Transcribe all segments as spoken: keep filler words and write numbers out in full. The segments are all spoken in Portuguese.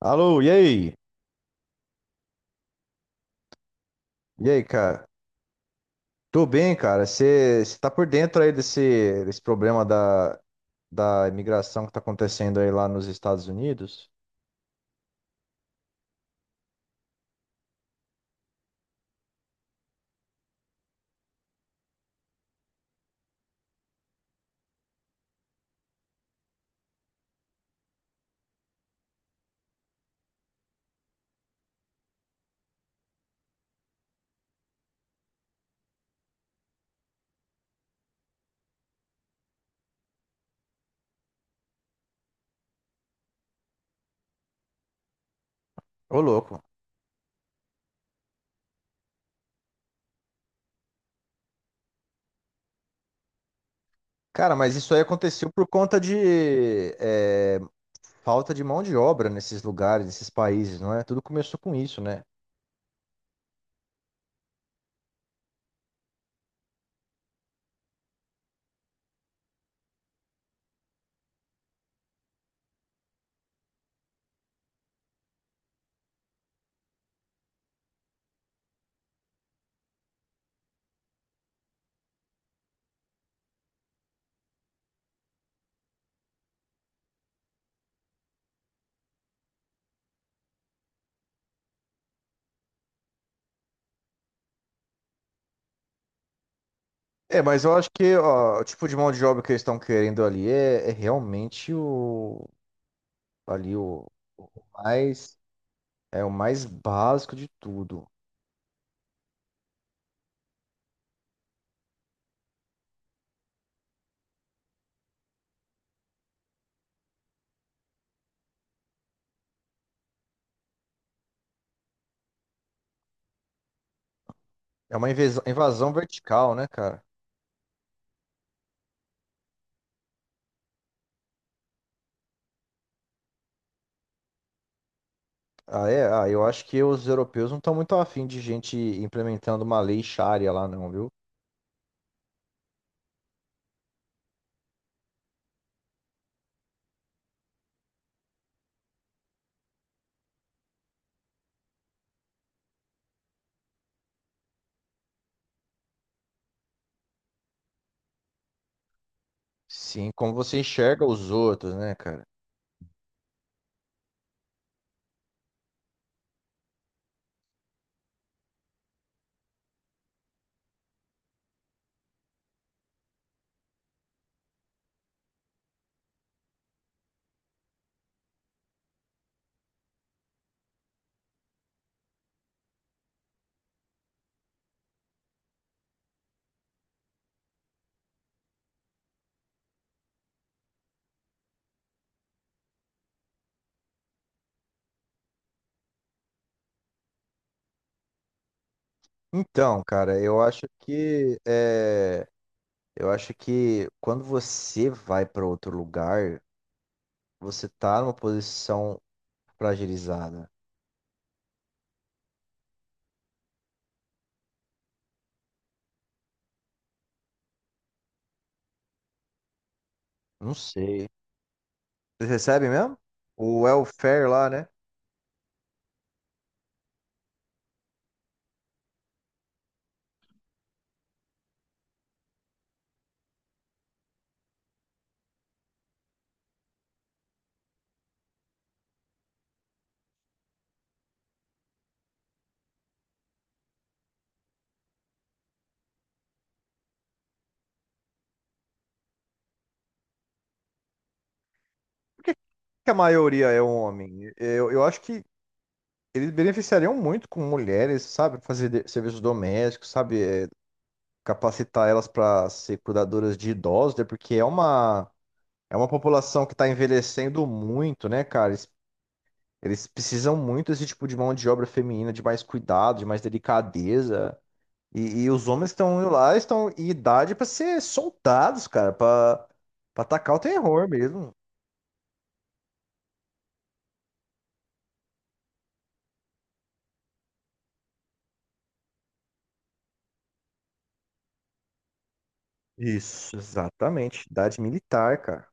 Alô, e aí? E aí, cara? Tô bem, cara. Você tá por dentro aí desse, desse problema da, da imigração que tá acontecendo aí lá nos Estados Unidos? Ô, louco. Cara, mas isso aí aconteceu por conta de é, falta de mão de obra nesses lugares, nesses países, não é? Tudo começou com isso, né? É, mas eu acho que ó, o tipo de mão de obra que eles estão querendo ali é, é realmente o ali o, o mais é o mais básico de tudo. É uma invas- invasão vertical, né, cara? Ah, é? Ah, eu acho que os europeus não estão muito afim de gente implementando uma lei Sharia lá, não, viu? Sim, como você enxerga os outros, né, cara? Então, cara, eu acho que é, eu acho que quando você vai para outro lugar, você tá numa posição fragilizada. Não sei. Vocês recebem mesmo? O welfare lá, né? Por que que a maioria é um homem? Eu, eu acho que eles beneficiariam muito com mulheres, sabe? Fazer de- serviços domésticos, sabe? É, capacitar elas para ser cuidadoras de idosos, né? Porque é uma, é uma população que está envelhecendo muito, né, cara? Eles, eles precisam muito desse tipo de mão de obra feminina, de mais cuidado, de mais delicadeza. E, e os homens estão lá, estão em idade para ser soldados, cara, para para atacar o terror mesmo. Isso, exatamente. Idade militar, cara.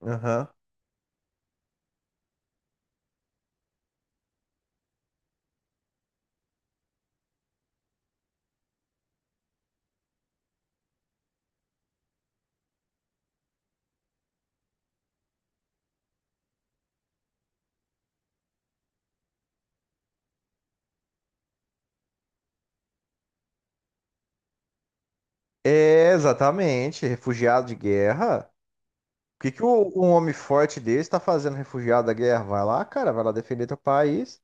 Aham. É, exatamente, refugiado de guerra. O que que o- um homem forte desse está fazendo refugiado da guerra? Vai lá, cara, vai lá defender teu país.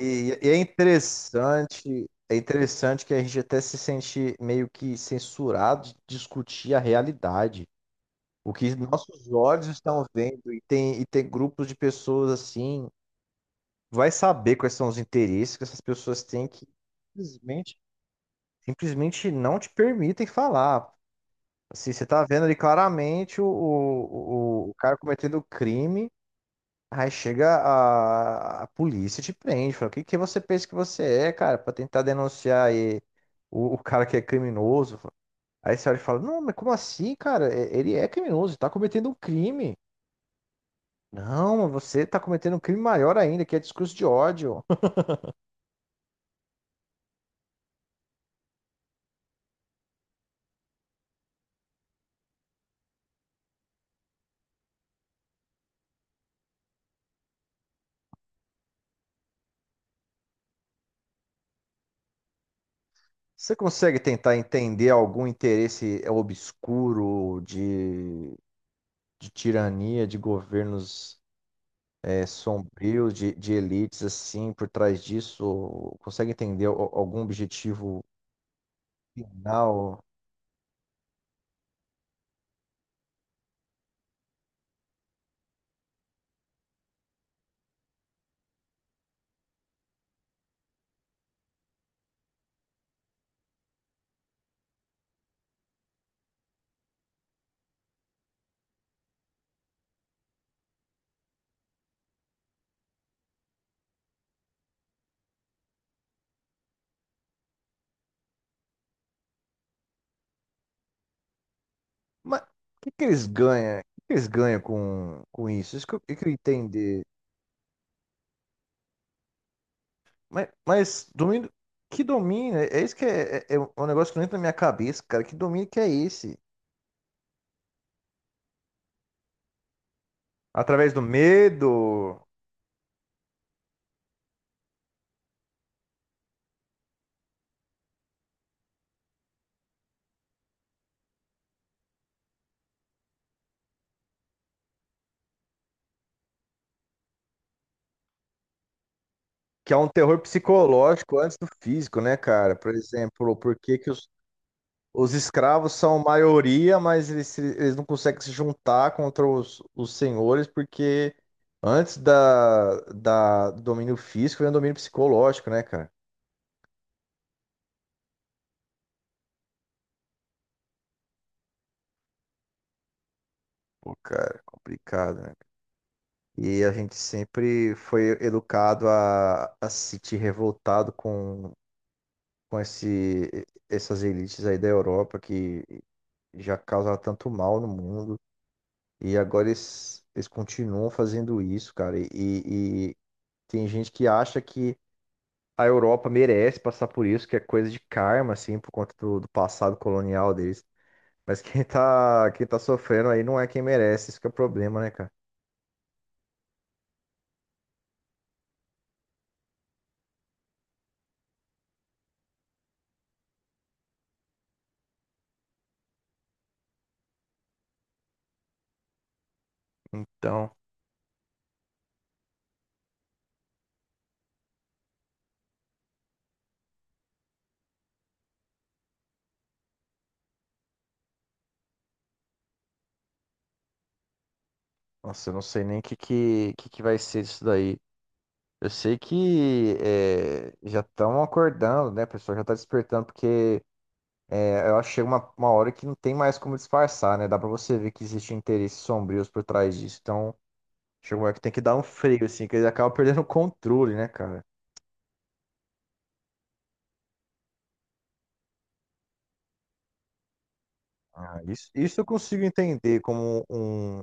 E, e é interessante, é interessante que a gente até se sente meio que censurado de discutir a realidade. O que nossos olhos estão vendo, e tem, e tem grupos de pessoas assim, vai saber quais são os interesses que essas pessoas têm que simplesmente, simplesmente não te permitem falar. Assim, você tá vendo ali claramente o, o, o o cara cometendo crime. Aí chega a, a polícia e te prende. Fala, o que, que você pensa que você é, cara, pra tentar denunciar aí o, o cara que é criminoso? Aí você olha e fala, não, mas como assim, cara? E- Ele é criminoso, tá cometendo um crime. Não, mas você tá cometendo um crime maior ainda, que é discurso de ódio. Você consegue tentar entender algum interesse obscuro de, de tirania de governos? É, sombrios de, de elites assim por trás disso? Consegue entender al- algum objetivo final? Mas o que que eles ganham? O que que eles ganham com, com isso? Isso que eu, que eu queria entender. Mas, mas domínio, que domínio? É é isso que é, é, é um é um negócio que não entra na minha cabeça, cara. Que domínio que é esse? Através do medo, que é um terror psicológico antes do físico, né, cara? Por exemplo, por que que os Os escravos são maioria, mas eles, se- eles não conseguem se juntar contra os, os senhores, porque antes da, da do domínio físico vem o domínio psicológico, né, cara? Pô, cara, complicado, né? E a gente sempre foi educado a, a se sentir revoltado com, com esse, essas elites aí da Europa que já causaram tanto mal no mundo. E agora eles, eles continuam fazendo isso, cara. E, e e tem gente que acha que a Europa merece passar por isso, que é coisa de karma, assim, por conta do, do passado colonial deles. Mas quem tá, quem tá sofrendo aí não é quem merece, isso que é o problema, né, cara? Então, nossa, eu não sei nem o que, que, que, que vai ser disso daí. Eu sei que é, já estão acordando, né, o pessoal? Já tá despertando, porque é, eu acho que chega uma, uma hora que não tem mais como disfarçar, né? Dá pra você ver que existem interesses sombrios por trás disso. Então, chega uma hora que tem que dar um freio, assim, que eles acabam perdendo o controle, né, cara? Ah, isso, isso eu consigo entender como um,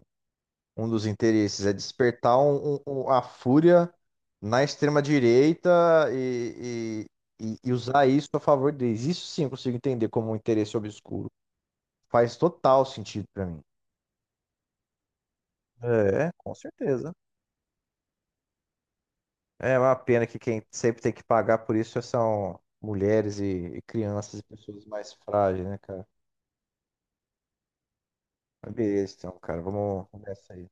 um dos interesses, é despertar um- um- um- a fúria na extrema-direita e, e- e- e usar isso a favor deles. Isso sim eu consigo entender como um interesse obscuro. Faz total sentido pra mim. É, com certeza. É uma pena que quem sempre tem que pagar por isso são mulheres e, e crianças e pessoas mais frágeis, né, cara? Mas beleza, então, cara, vamos vamos nessa aí.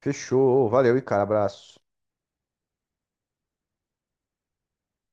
Fechou, valeu e cara, abraço.